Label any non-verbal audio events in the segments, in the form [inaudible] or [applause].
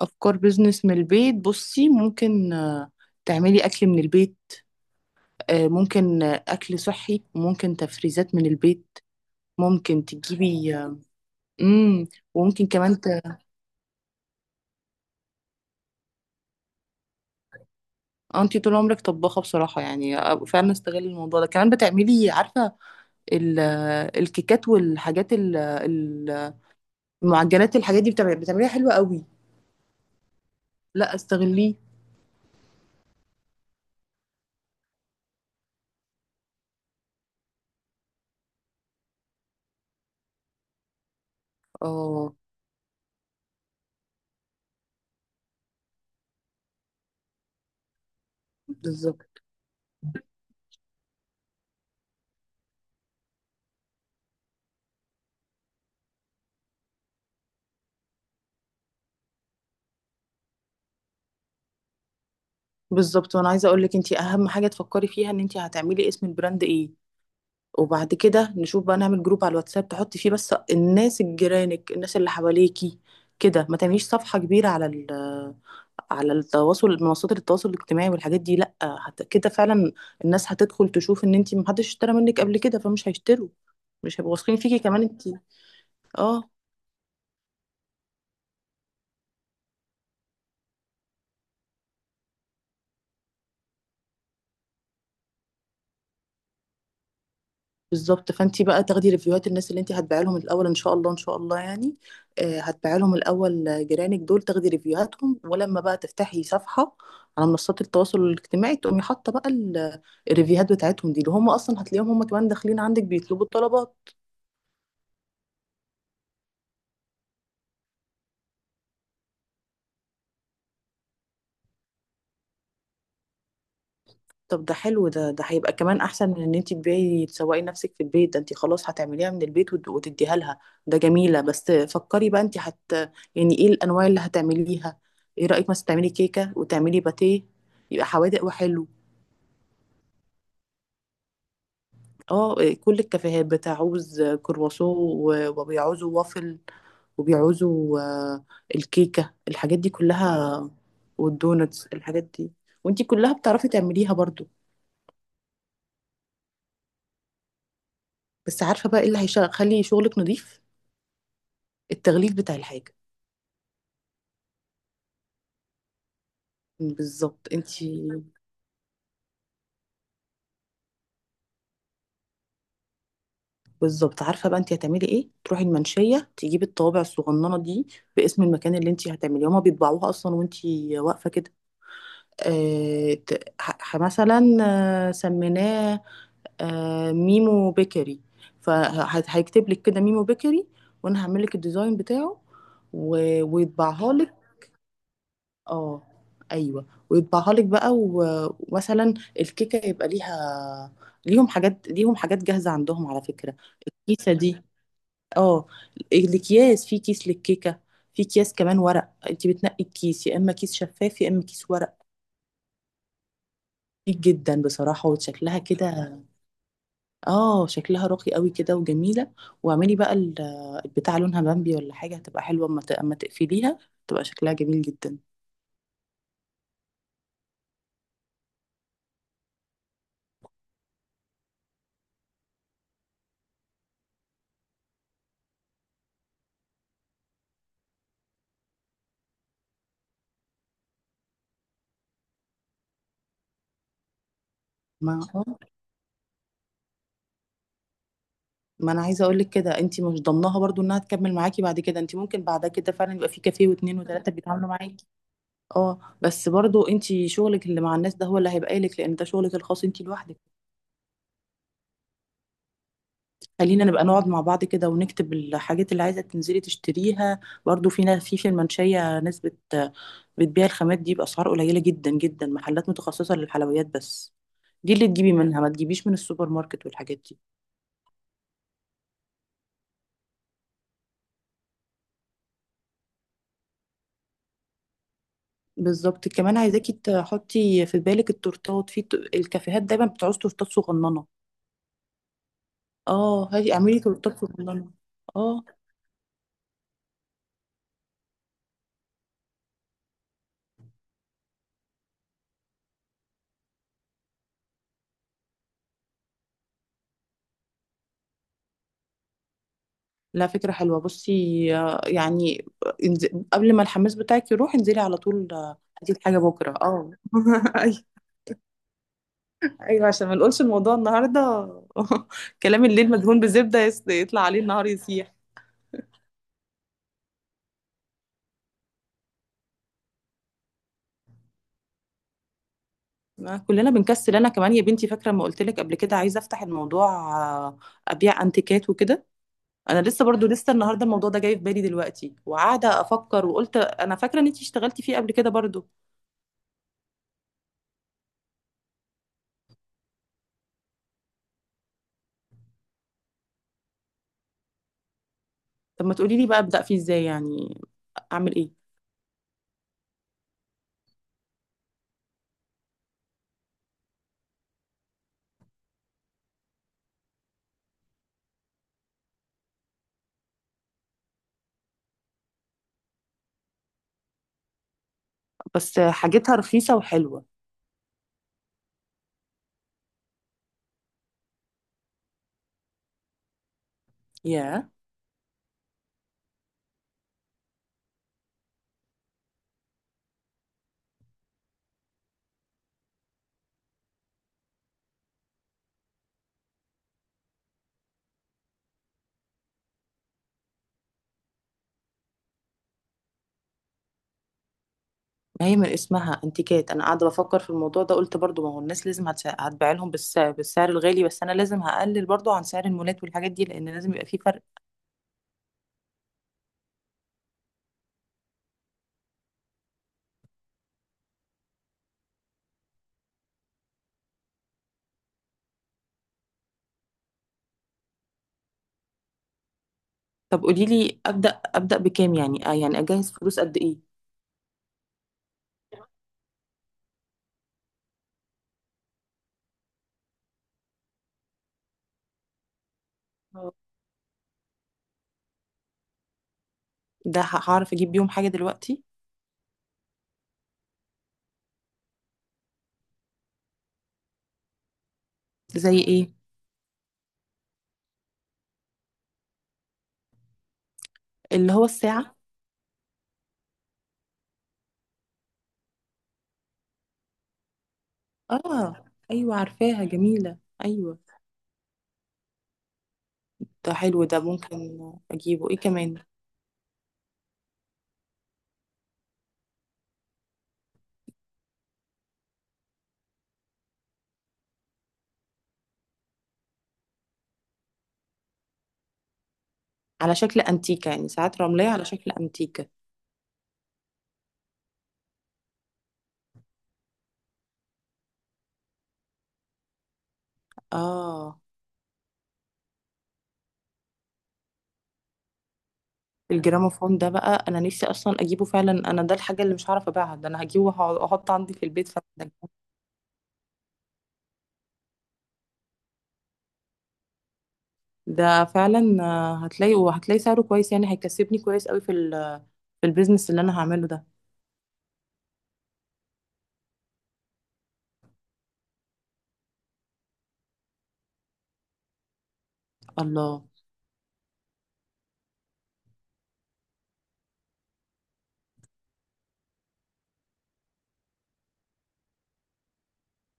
أفكار بيزنس من البيت. بصي، ممكن تعملي أكل من البيت. ممكن أكل صحي وممكن تفريزات من البيت. ممكن تجيبي، امم وممكن كمان انتي طول عمرك طباخة بصراحة، يعني فعلا استغلي الموضوع ده كمان. بتعملي، عارفة، ال... آه، الكيكات والحاجات المعجنات الحاجات دي بتعمليها حلوة قوي. لا، استغليه. اه، بالظبط. بالظبط، وانا عايزه اقول لك، انت اهم حاجه تفكري فيها ان انت هتعملي اسم البراند ايه. وبعد كده نشوف بقى، نعمل جروب على الواتساب تحطي فيه بس الناس، الجيرانك، الناس اللي حواليكي. كده ما تعمليش صفحة كبيرة على التواصل، منصات التواصل الاجتماعي والحاجات دي لا كده فعلا. الناس هتدخل تشوف ان انتي محدش اشترى منك قبل كده، فمش هيشتروا، مش هيبقوا واثقين فيكي كمان انتي. اه، بالظبط. فانت بقى تاخدي ريفيوهات الناس اللي انت هتبيعي لهم الاول، ان شاء الله ان شاء الله يعني. هتبيعي لهم الاول، جيرانك دول تاخدي ريفيوهاتهم، ولما بقى تفتحي صفحه على منصات التواصل الاجتماعي، تقومي حاطه بقى الريفيوهات بتاعتهم دي، اللي هم اصلا هتلاقيهم هم كمان داخلين عندك بيطلبوا الطلبات. طب ده حلو، ده هيبقى كمان احسن من ان انت تبيعي تسوقي نفسك في البيت. ده انت خلاص هتعمليها من البيت وتديها لها. ده جميلة. بس فكري بقى انت يعني ايه الانواع اللي هتعمليها؟ ايه رأيك مثلا تعملي كيكة وتعملي باتيه؟ يبقى حوادق وحلو. اه، كل الكافيهات بتعوز كرواسون وبيعوزوا وافل وبيعوزوا، الكيكة الحاجات دي كلها. والدونتس الحاجات دي، وانت كلها بتعرفي تعمليها برضو. بس عارفة بقى ايه اللي هيخلي شغلك نظيف؟ التغليف بتاع الحاجة. بالظبط. انتي بالظبط. عارفة بقى انتي هتعملي ايه؟ تروحي المنشية، تجيبي الطوابع الصغننة دي باسم المكان اللي انتي هتعمليه، هما بيطبعوها اصلا وانتي واقفة كده. اه، مثلا سميناه اه ميمو بيكري. فهيكتب لك كده ميمو بيكري. وانا هعمل لك الديزاين بتاعه ويطبعها. اه ايوه، ويطبعها لك بقى ومثلا الكيكه يبقى ليهم حاجات جاهزه عندهم على فكره. الكيسه دي، اه، الاكياس. في كيس للكيكه، في اكياس كمان ورق، انت بتنقي الكيس يا اما كيس شفاف يا اما كيس ورق. كتير جدا بصراحه، وشكلها كده. اه، شكلها راقي قوي كده وجميله. واعملي بقى البتاع لونها بامبي ولا حاجه، هتبقى حلوه اما اما تقفليها تبقى شكلها جميل جدا. ما ما انا عايزه اقول لك كده، انت مش ضمنها برضو انها تكمل معاكي بعد كده. انت ممكن بعد كده فعلا يبقى في كافيه واثنين وثلاثه بيتعاملوا معاكي. اه بس برضو، انت شغلك اللي مع الناس ده هو اللي هيبقى لك، لان ده شغلك الخاص انت لوحدك. خلينا نبقى نقعد مع بعض كده ونكتب الحاجات اللي عايزه تنزلي تشتريها. برضو في ناس في المنشيه، ناس بتبيع الخامات دي باسعار قليله جدا جدا، محلات متخصصه للحلويات بس. دي اللي تجيبي منها، ما تجيبيش من السوبر ماركت والحاجات دي. بالظبط. كمان عايزاكي تحطي في بالك التورتات في الكافيهات دايما بتعوز تورتات صغننه. اه، هاتي اعملي تورتات صغننه. اه لا، فكره حلوه. بصي، يعني انز- قبل ما الحماس بتاعك يروح انزلي على طول، هاتي حاجه بكره اه [laughs] ايوه. ايوه، عشان ما نقولش الموضوع النهارده. [laughs] كلام الليل مدهون بزبده، يطلع عليه النهار يسيح. ما كلنا بنكسل. انا كمان يا بنتي، فاكره ما قلت لك قبل كده عايزه افتح الموضوع، آه، ابيع انتيكات وكده. انا لسه برضو، لسه النهارده الموضوع ده جاي في بالي دلوقتي وقاعده افكر. وقلت انا فاكره ان انتي اشتغلتي فيه قبل كده برضو. طب ما تقولي لي بقى، ابدا فيه ازاي يعني؟ اعمل ايه؟ بس حاجتها رخيصه وحلوه. يا، ما هي من اسمها انتيكات. انا قاعده بفكر في الموضوع ده، قلت برضو ما هو الناس لازم هتبيع لهم بالسعر الغالي، بس انا لازم هقلل برضو عن سعر المولات والحاجات دي، لان لازم يبقى فيه فرق. طب قولي لي ابدا ابدا بكام يعني؟ يعني اجهز فلوس قد ايه؟ ده هعرف اجيب بيهم حاجه دلوقتي؟ زي ايه؟ اللي هو الساعه؟ اه ايوه، عارفاها، جميله. ايوه ده حلو ده، ممكن. اجيبه ايه كمان؟ على شكل انتيكه يعني، ساعات رمليه على شكل انتيكه. اه، الجراموفون ده بقى انا نفسي اصلا اجيبه فعلا. انا ده الحاجه اللي مش هعرف ابيعها، ده انا هجيبه واحط عندي في البيت فعلا. ده فعلا هتلاقي وهتلاقي سعره كويس، يعني هيكسبني كويس قوي في البيزنس اللي انا هعمله ده. الله،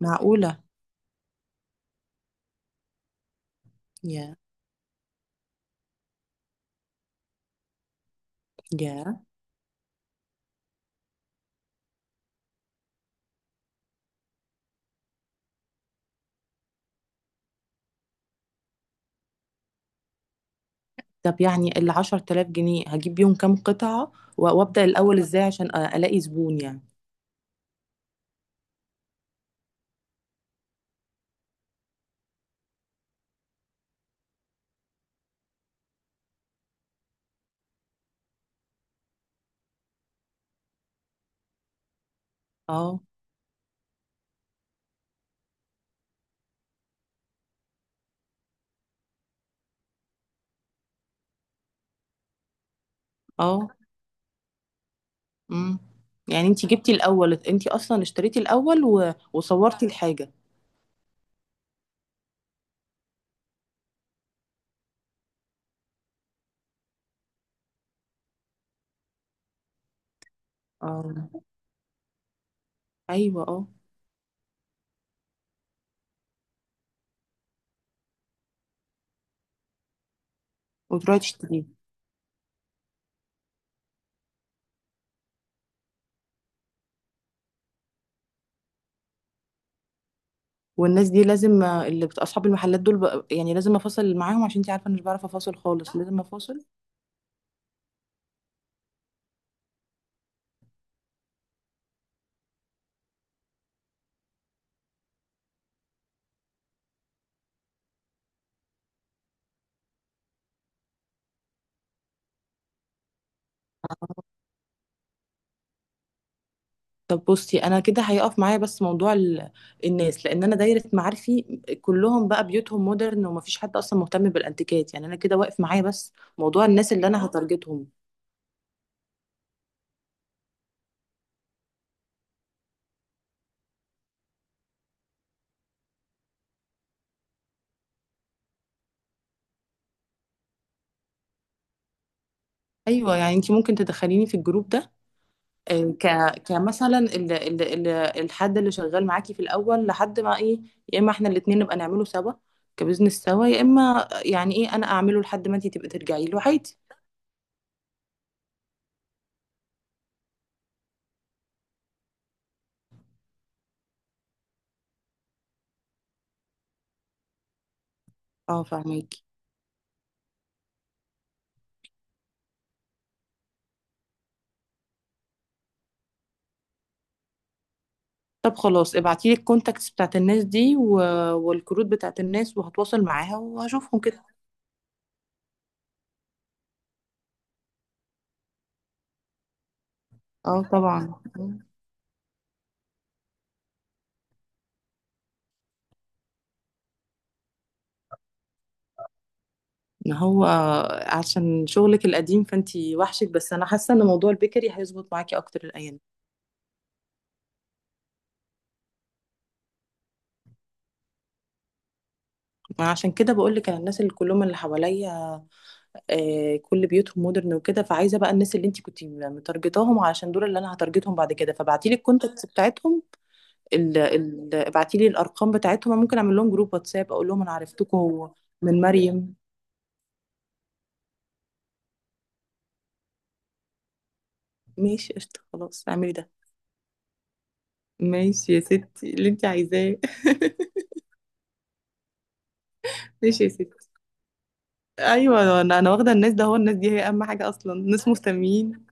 معقوله؟ يا يا. طب يعني ال10 تلاف جنيه هجيب بيهم كام قطعة وابدأ الأول ازاي عشان ألاقي زبون يعني؟ اه اه، امم يعني انتي جبتي الأول، انتي أصلا اشتريتي الأول وصورتي الحاجة. اه أيوة اه. وتروحي تشتريه. والناس دي لازم، اللي أصحاب المحلات دول يعني لازم أفاصل معاهم عشان انتي عارفة أنا مش بعرف أفاصل خالص، لازم أفاصل. طب بصي، انا كده هيقف معايا بس موضوع الناس، لان انا دايره معارفي كلهم بقى بيوتهم مودرن ومفيش حد اصلا مهتم بالانتيكات. يعني انا كده واقف معايا بس موضوع الناس اللي انا هتارجتهم. ايوه، يعني انت ممكن تدخليني في الجروب ده؟ آه، ك كمثلا الحد اللي شغال معاكي في الاول لحد ما ايه، يا اما احنا الاتنين نبقى نعمله سوا كبزنس سوا، يا اما يعني ايه انا اعمله لحد ما انت تبقى ترجعي له عادي. اه، فاهمك. طب خلاص ابعتيلي الكونتاكتس بتاعت الناس دي والكروت بتاعت الناس، وهتواصل معاها وهشوفهم كده. اه طبعا. ما هو عشان شغلك القديم فانتي وحشك، بس انا حاسه ان موضوع البيكري هيظبط معاكي اكتر الايام. انا عشان كده بقول لك، انا الناس اللي كلهم اللي حواليا كل بيوتهم مودرن وكده، فعايزه بقى الناس اللي انتي كنتي متارجتاهم علشان دول اللي انا هتارجتهم بعد كده، فابعتي لي الكونتاكتس بتاعتهم. ابعتي لي الارقام بتاعتهم. أنا ممكن اعمل لهم جروب واتساب اقول لهم انا عرفتكم من مريم. ماشي، قشطة، خلاص اعملي ده. ماشي يا ستي، اللي انت عايزاه. [laughs] ماشي يا ستي. ايوه، انا واخده الناس ده، هو الناس دي هي اهم حاجه اصلا، ناس مهتمين.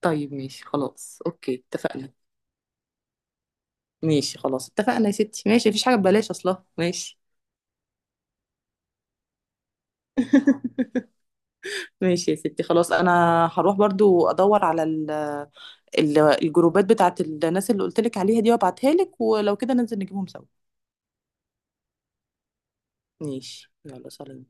طيب ماشي خلاص اوكي، اتفقنا. ماشي خلاص اتفقنا يا ستي. ماشي، مفيش حاجه ببلاش اصلا، ماشي. [laughs] ماشي يا ستي، خلاص انا هروح برضو ادور على الجروبات بتاعت الناس اللي قلت لك عليها دي وابعتها لك، ولو كده ننزل نجيبهم سوا. ماشي، يلا، سلام.